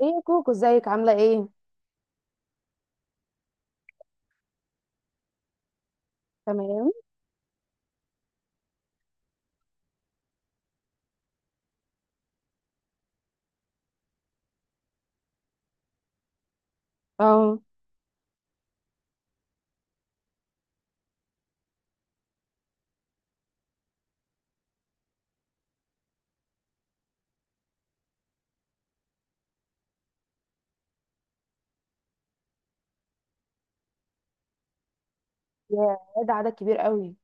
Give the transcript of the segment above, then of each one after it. ايه يا كوكو، ازيك؟ عامله ايه؟ تمام. اه. يا، ده عدد كبير قوي.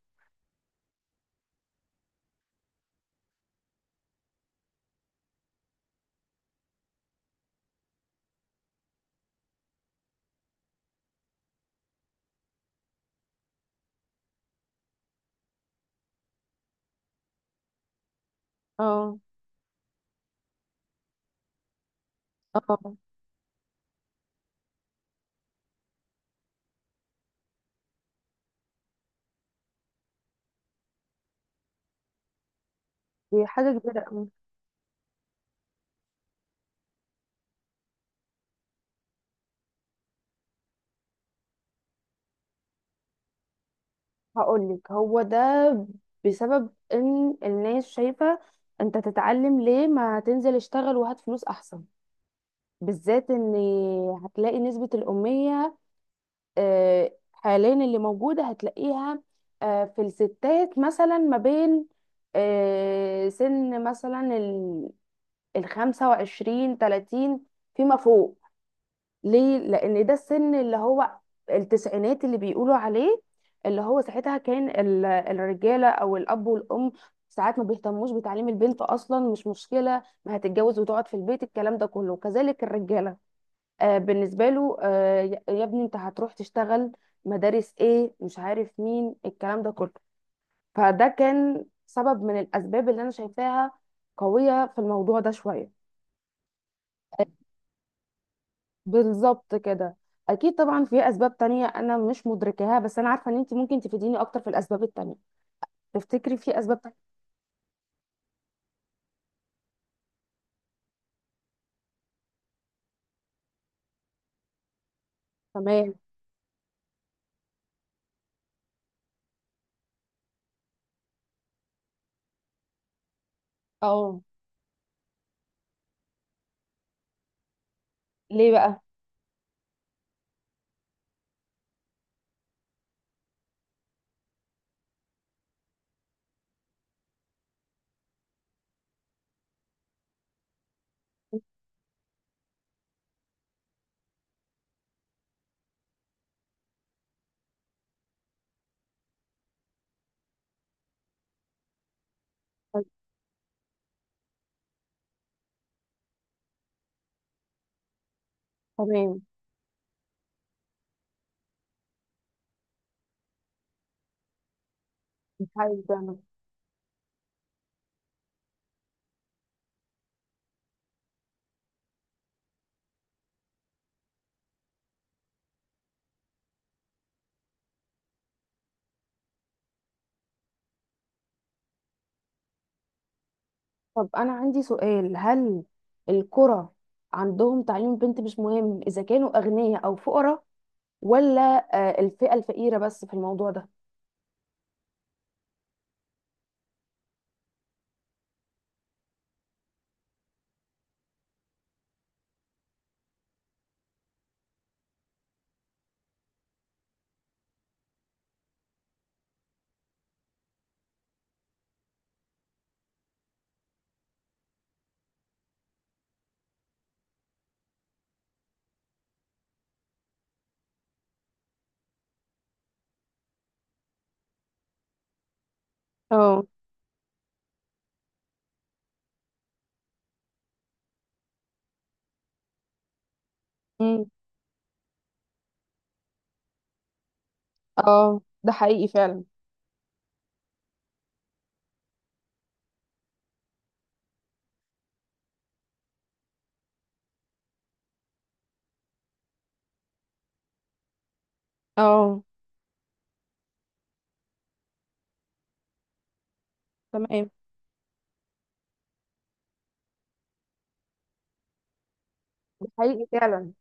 اه. اه. دي حاجه كبيره قوي. هقول لك، هو ده بسبب ان الناس شايفه انت تتعلم ليه؟ ما تنزل اشتغل وهات فلوس احسن. بالذات ان هتلاقي نسبه الاميه حاليا اللي موجوده، هتلاقيها في الستات مثلا ما بين سن مثلا 25 30 فيما فوق. ليه؟ لان ده السن اللي هو التسعينات اللي بيقولوا عليه، اللي هو ساعتها كان الرجاله او الاب والام ساعات ما بيهتموش بتعليم البنت اصلا، مش مشكله، ما هتتجوز وتقعد في البيت، الكلام ده كله. وكذلك الرجاله، بالنسبه له، يا ابني انت هتروح تشتغل، مدارس ايه، مش عارف مين، الكلام ده كله. فده كان سبب من الاسباب اللي انا شايفاها قويه في الموضوع ده شويه. بالظبط كده. اكيد طبعا في اسباب تانية انا مش مدركاها، بس انا عارفه ان انت ممكن تفيديني اكتر في الاسباب التانية. تفتكري في اسباب تانية؟ تمام. اه. ليه بقى؟ طيب، تمام. مش عايزة أنا. طب انا عندي سؤال، هل القرى عندهم تعليم بنت مش مهم اذا كانوا اغنياء او فقراء، ولا الفئه الفقيره بس في الموضوع ده؟ اه. امم. اه. ده حقيقي فعلا. اه. تمام. ده حقيقي فعلا.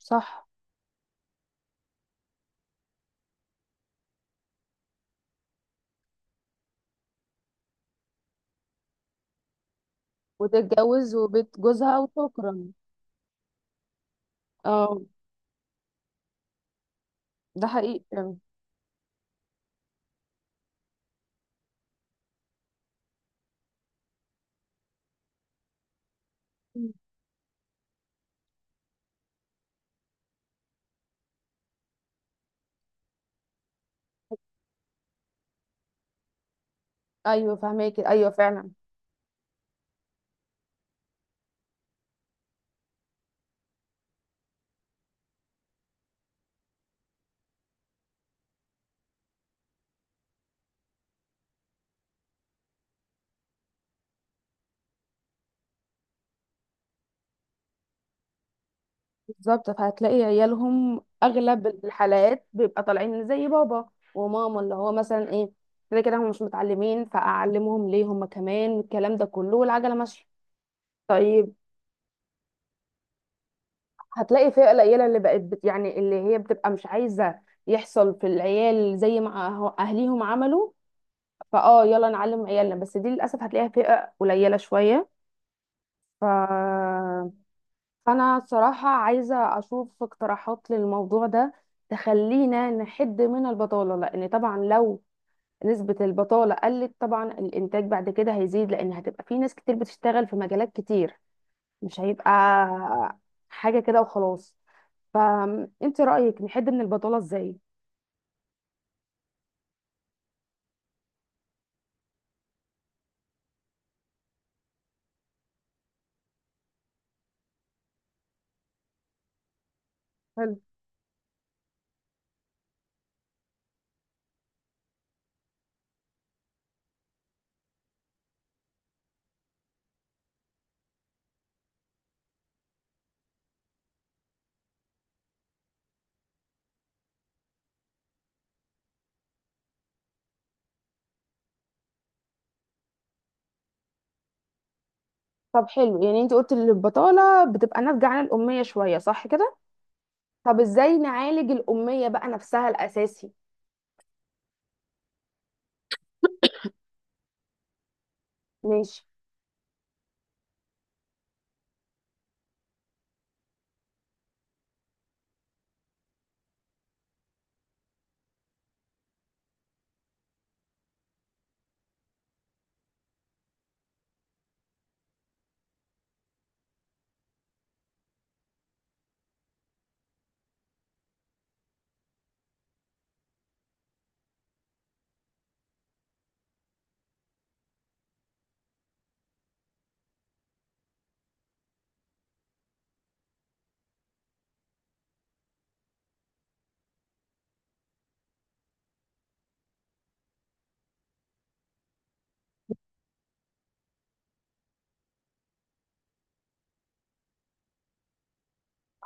صح. وتتجوز وبيت جوزها وشكرا. اه، ده حقيقي فعلا. مم. ايوه فهماكي، ايوه فعلا. بالظبط، فهتلاقي عيالهم اغلب الحالات بيبقى طالعين زي بابا وماما، اللي هو مثلا ايه، كده كده هم مش متعلمين، فاعلمهم ليه؟ هم كمان الكلام ده كله، والعجله ماشيه. طيب، هتلاقي فئه قليله اللي بقت يعني اللي هي بتبقى مش عايزه يحصل في العيال زي ما اهليهم عملوا، فاه يلا نعلم عيالنا، بس دي للاسف هتلاقيها فئه قليله شويه. ف... فأنا صراحة عايزة أشوف اقتراحات للموضوع ده تخلينا نحد من البطالة، لأن طبعا لو نسبة البطالة قلت طبعا الإنتاج بعد كده هيزيد، لأن هتبقى في ناس كتير بتشتغل في مجالات كتير، مش هيبقى حاجة كده وخلاص. فأنت رأيك نحد من البطالة إزاي؟ حلو. طب حلو، يعني انت قلت ان البطالة بتبقى ناتجة عن الأمية شوية، صح كده؟ طب ازاي نعالج الأمية بقى نفسها الأساسي؟ ماشي.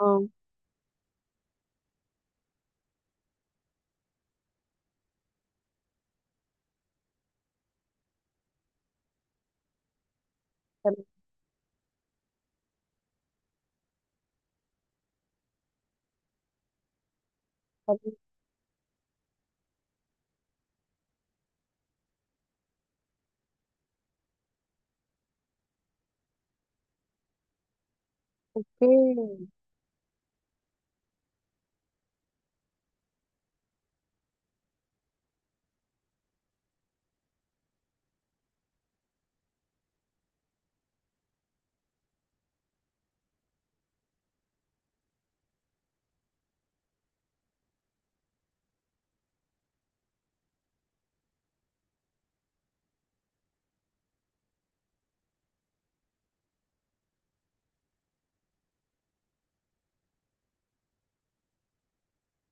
اه. تمام. اوكي.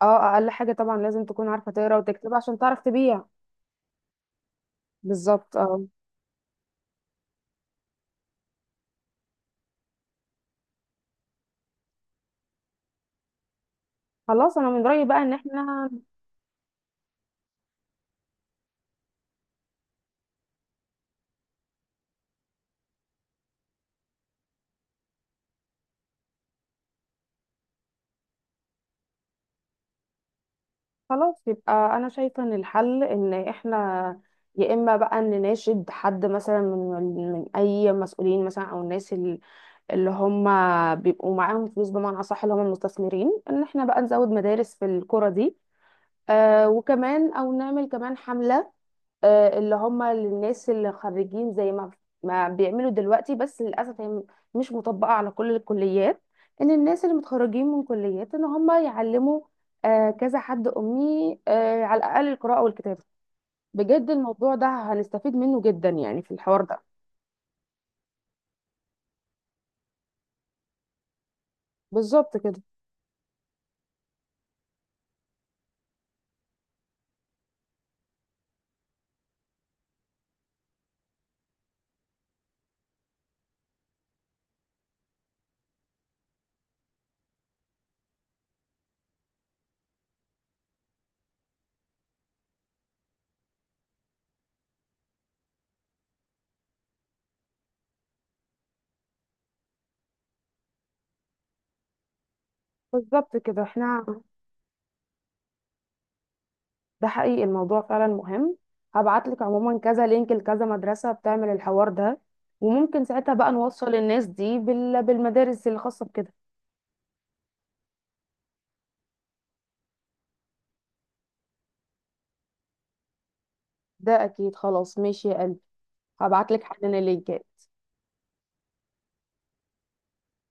اه، اقل حاجه طبعا لازم تكون عارفه تقرا وتكتب عشان تعرف تبيع. بالظبط. اه. خلاص انا من رايي بقى ان احنا، خلاص يبقى انا شايفه ان الحل ان احنا، يا اما بقى نناشد حد مثلا من اي مسؤولين مثلا او الناس اللي هم بيبقوا معاهم فلوس، بمعنى اصح اللي هم المستثمرين، ان احنا بقى نزود مدارس في القرى دي. وكمان او نعمل كمان حمله، اللي هم الناس اللي خريجين زي ما ما بيعملوا دلوقتي، بس للاسف هي مش مطبقه على كل الكليات، ان الناس اللي متخرجين من كليات ان هم يعلموا كذا حد امي على الاقل القراءه والكتابه. بجد الموضوع ده هنستفيد منه جدا يعني في الحوار ده. بالظبط كده. بالظبط كده احنا، ده حقيقي الموضوع فعلا مهم. هبعت لك عموما كذا لينك لكذا مدرسه بتعمل الحوار ده، وممكن ساعتها بقى نوصل الناس دي بالمدارس الخاصه بكده. ده اكيد، خلاص ماشي يا قلبي، هبعت لك حالا اللينكات.